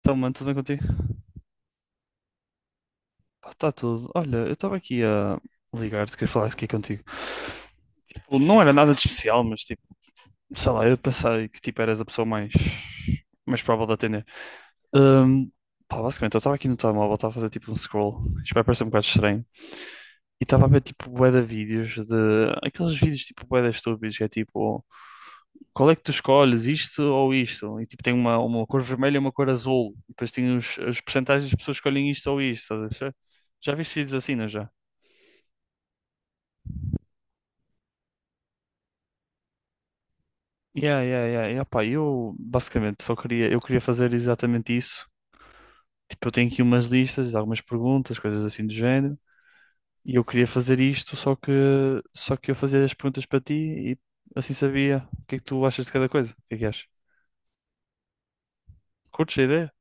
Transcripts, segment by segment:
Então, mano, tudo bem contigo? Está tudo. Olha, eu estava aqui a ligar-te, queria falar aqui contigo. Tipo, não era nada de especial, mas tipo, sei lá, eu pensei que tipo eras a pessoa mais provável de atender. Hum, pá, basicamente, eu estava aqui no telemóvel, estava a fazer tipo um scroll, isto vai parecer um bocado estranho, e estava a ver tipo bué de vídeos de, aqueles vídeos tipo bué de estúpidos, que é tipo, qual é que tu escolhes, isto ou isto? E tipo, tem uma cor vermelha e uma cor azul, e depois tem as percentagens das pessoas que escolhem isto ou isto, estás a ver? Já viste vídeos assim, não é já? Yeah, yeah, yeah. E, opá, eu basicamente só queria, eu queria fazer exatamente isso. Tipo, eu tenho aqui umas listas, algumas perguntas, coisas assim do género. E eu queria fazer isto, só que eu fazia as perguntas para ti e assim sabia o que é que tu achas de cada coisa. O que é que achas? Curtes a ideia?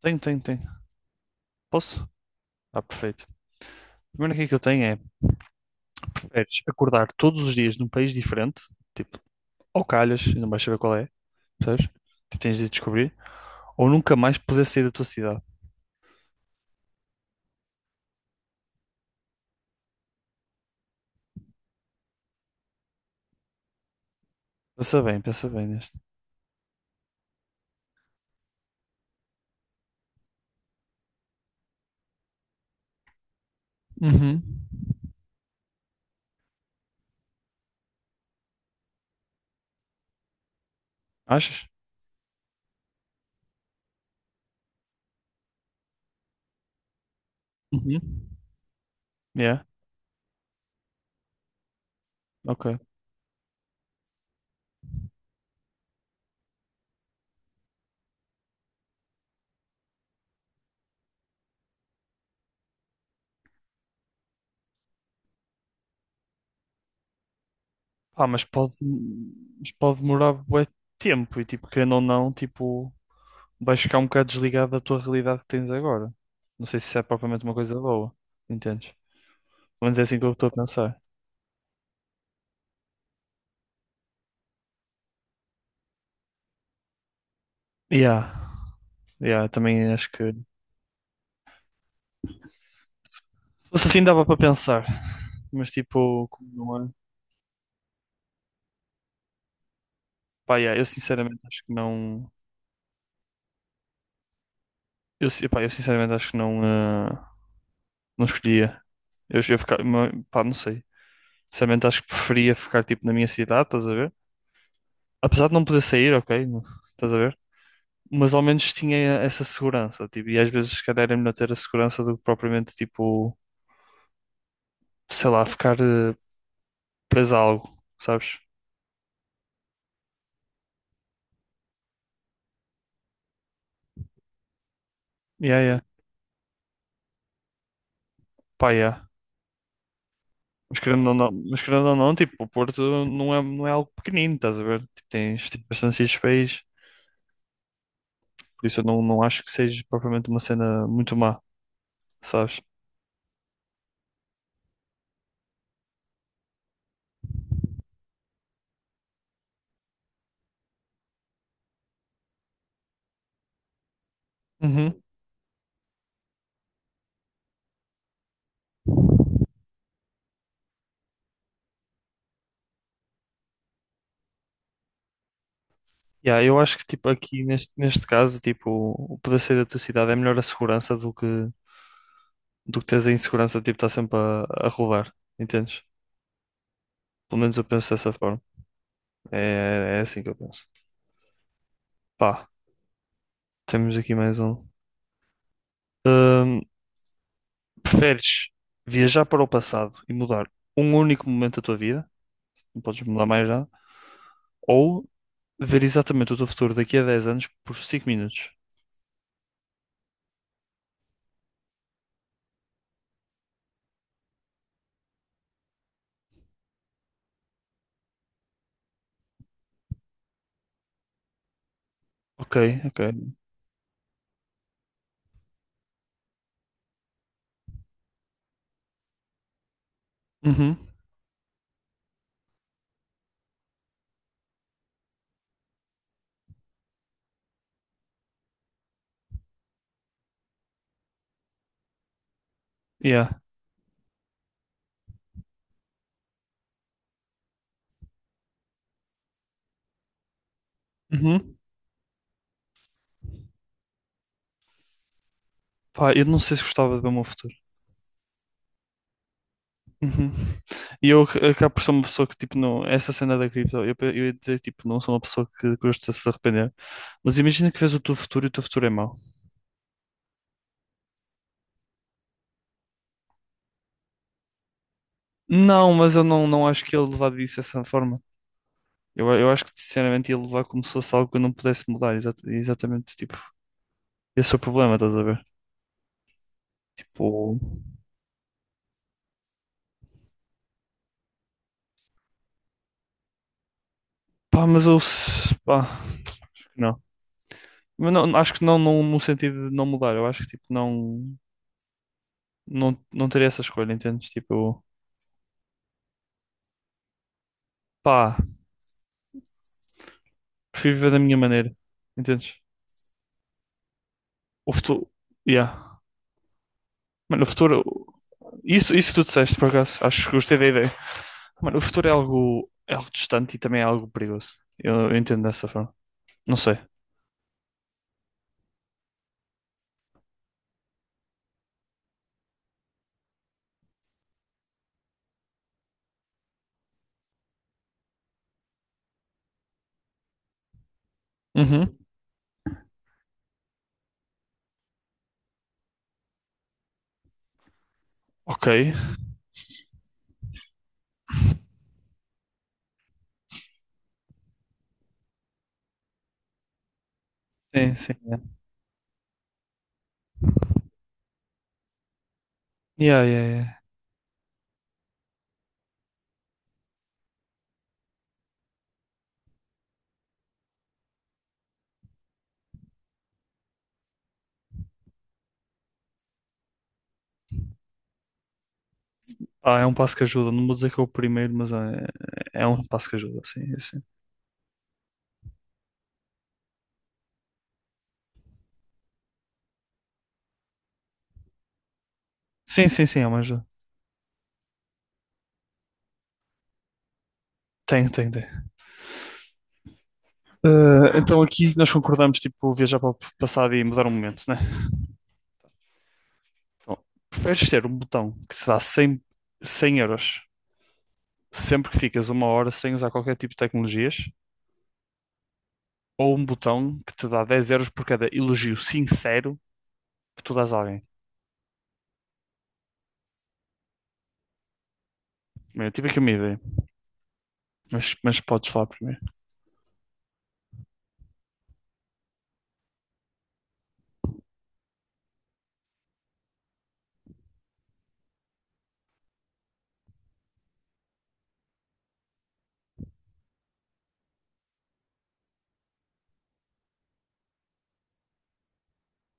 Tenho, tenho, tenho. Posso? Ah, perfeito. A primeira que é que eu tenho é, preferes acordar todos os dias num país diferente, tipo, ou calhas, e não vais saber qual é, percebes? Tipo, tens de descobrir, ou nunca mais poder sair da tua cidade. Pensa bem neste. Uhum. Achas? Uhum. Yeah, ok. Ah, mas pode demorar bué tempo e tipo, querendo ou não, tipo, vais ficar um bocado desligado da tua realidade que tens agora. Não sei se isso é propriamente uma coisa boa, entendes? Pelo menos é assim que eu estou a pensar. Yeah, yeah, também acho que se fosse assim dava para pensar, mas tipo, como não é? Pá, yeah, eu sinceramente acho que não. Pá, eu sinceramente acho que não, não escolhia. Eu ficar, pá, não sei. Sinceramente, acho que preferia ficar tipo na minha cidade, estás a ver? Apesar de não poder sair, ok, estás a ver? Mas ao menos tinha essa segurança, tipo, e às vezes, se calhar, é melhor ter a segurança do que propriamente, tipo, sei lá, ficar preso a algo, sabes? Yeah, yeah. Pá, yeah. Mas querendo ou não, mas querendo ou não, tipo, o Porto não é algo pequenino, estás a ver? Tipo, tens bastantes países, por isso eu não acho que seja propriamente uma cena muito má, sabes? Uhum, yeah, eu acho que tipo aqui neste caso tipo o poder sair da tua cidade é melhor a segurança do que teres a insegurança tipo estar sempre a rodar, entendes? Pelo menos eu penso dessa forma. É, é assim que eu penso. Pá, temos aqui mais um. Hum, preferes viajar para o passado e mudar um único momento da tua vida, não podes mudar mais nada, ou ver exatamente o teu futuro daqui a 10 anos por 5 minutos? Ok, ok. Uhum, yeah. Uhum. Pá, eu não sei se gostava de ver o meu futuro. Uhum. E eu acabo por ser uma pessoa que, tipo, não. Essa cena da cripto, eu ia dizer, tipo, não sou uma pessoa que gosta de se arrepender. Mas imagina que vês o teu futuro e o teu futuro é mau. Não, mas eu não, não acho que ele levar disso dessa forma. Eu acho que, sinceramente, ele levar como se fosse algo que eu não pudesse mudar. Exa- exatamente, tipo, esse é o problema, estás a ver? Tipo, pá, mas eu, pá, acho que não. Mas não, acho que não, não no sentido de não mudar. Eu acho que, tipo, não teria essa escolha, entendes? Tipo, pá. Prefiro viver da minha maneira. Entendes? O futuro. Yeah. Mano, o futuro. Isso tu disseste, por acaso. Acho que gostei da ideia. Mano, o futuro é algo distante e também é algo perigoso. Eu entendo dessa forma. Não sei. Uhum. Ok. Sim, sim. Yeah. Yeah, yeah, yeah. Ah, é um passo que ajuda. Não vou dizer que é o primeiro, mas é um passo que ajuda. Sim, sim. Sim, sim, sim, é uma ajuda. Tem, tem, tem. Ah, então aqui nós concordamos, tipo, viajar para o passado e mudar um momento, né? Então, preferes ter um botão que se dá cem euros sempre que ficas 1 hora sem usar qualquer tipo de tecnologias ou um botão que te dá 10 euros por cada elogio sincero que tu dás a alguém? Bem, eu tive aqui uma ideia, mas podes falar primeiro.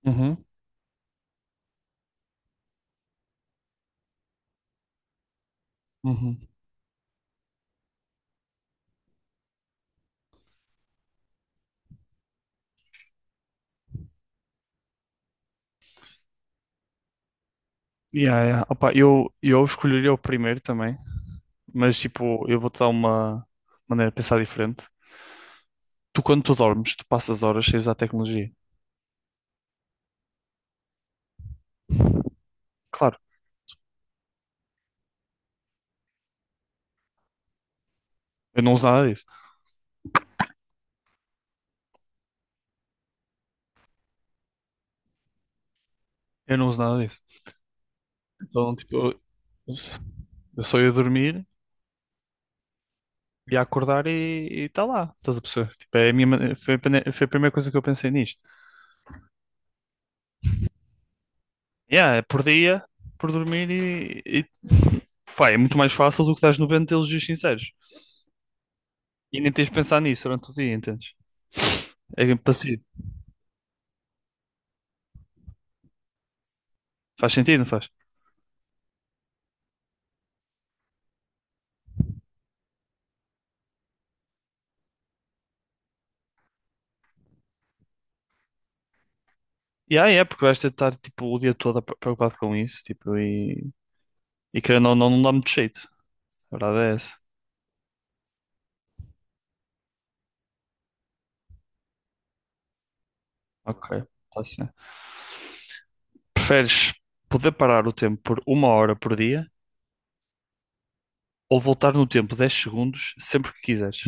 Uhum, uhum. Yeah, yeah. Opa, eu escolheria o primeiro também, mas tipo, eu vou-te dar uma maneira de pensar diferente. Tu, quando tu dormes, tu passas horas cheias à tecnologia. Claro, eu não uso nada disso. Eu não uso nada disso. Então, tipo, eu só ia dormir, ia acordar e está lá. Estás a perceber? Tipo, é a minha, foi, a foi a primeira coisa que eu pensei nisto. Yeah, é por dia, por dormir e. Pá, é muito mais fácil do que estás 90 elogios sinceros. E nem tens de pensar nisso durante o dia, entendes? É passivo. Faz sentido, não faz? E aí é, porque vais ter de estar tipo, o dia todo preocupado com isso, tipo, e querendo ou não, não dá muito jeito. A verdade é essa. Ok, está assim. Preferes poder parar o tempo por 1 hora por dia ou voltar no tempo 10 segundos sempre que quiseres?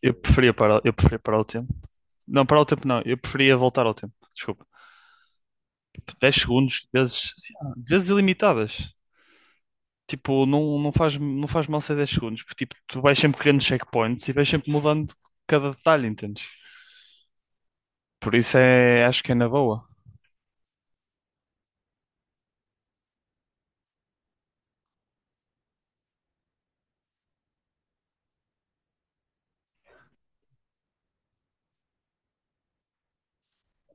Eu preferia parar o tempo. Não, parar o tempo não, eu preferia voltar ao tempo. Desculpa. 10 segundos, vezes ilimitadas. Tipo, não, não faz mal ser 10 segundos, porque tipo, tu vais sempre criando checkpoints e vais sempre mudando cada detalhe, entendes? Por isso é, acho que é na boa.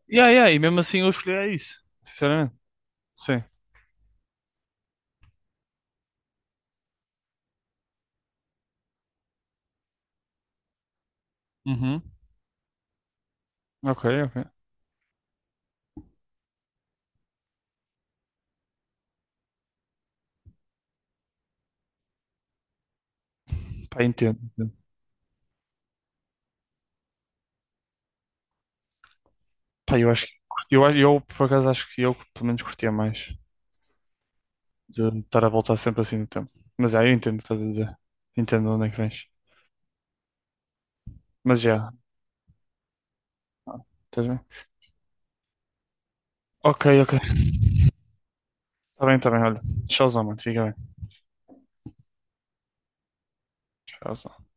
Yeah, yeah, e mesmo assim eu escolheria isso, sinceramente. Sim. Uhum. Ok, ok. Pá, entendo. Pá, eu acho que eu por acaso acho que eu pelo menos curtia mais de estar a voltar sempre assim no tempo. Mas já, eu entendo o que estás a dizer. Entendo onde é que vens. Mas já, ah, estás bem? Ok, ok. Está bem, olha. Tchauzão, mano. Fica bem. Tchauzão.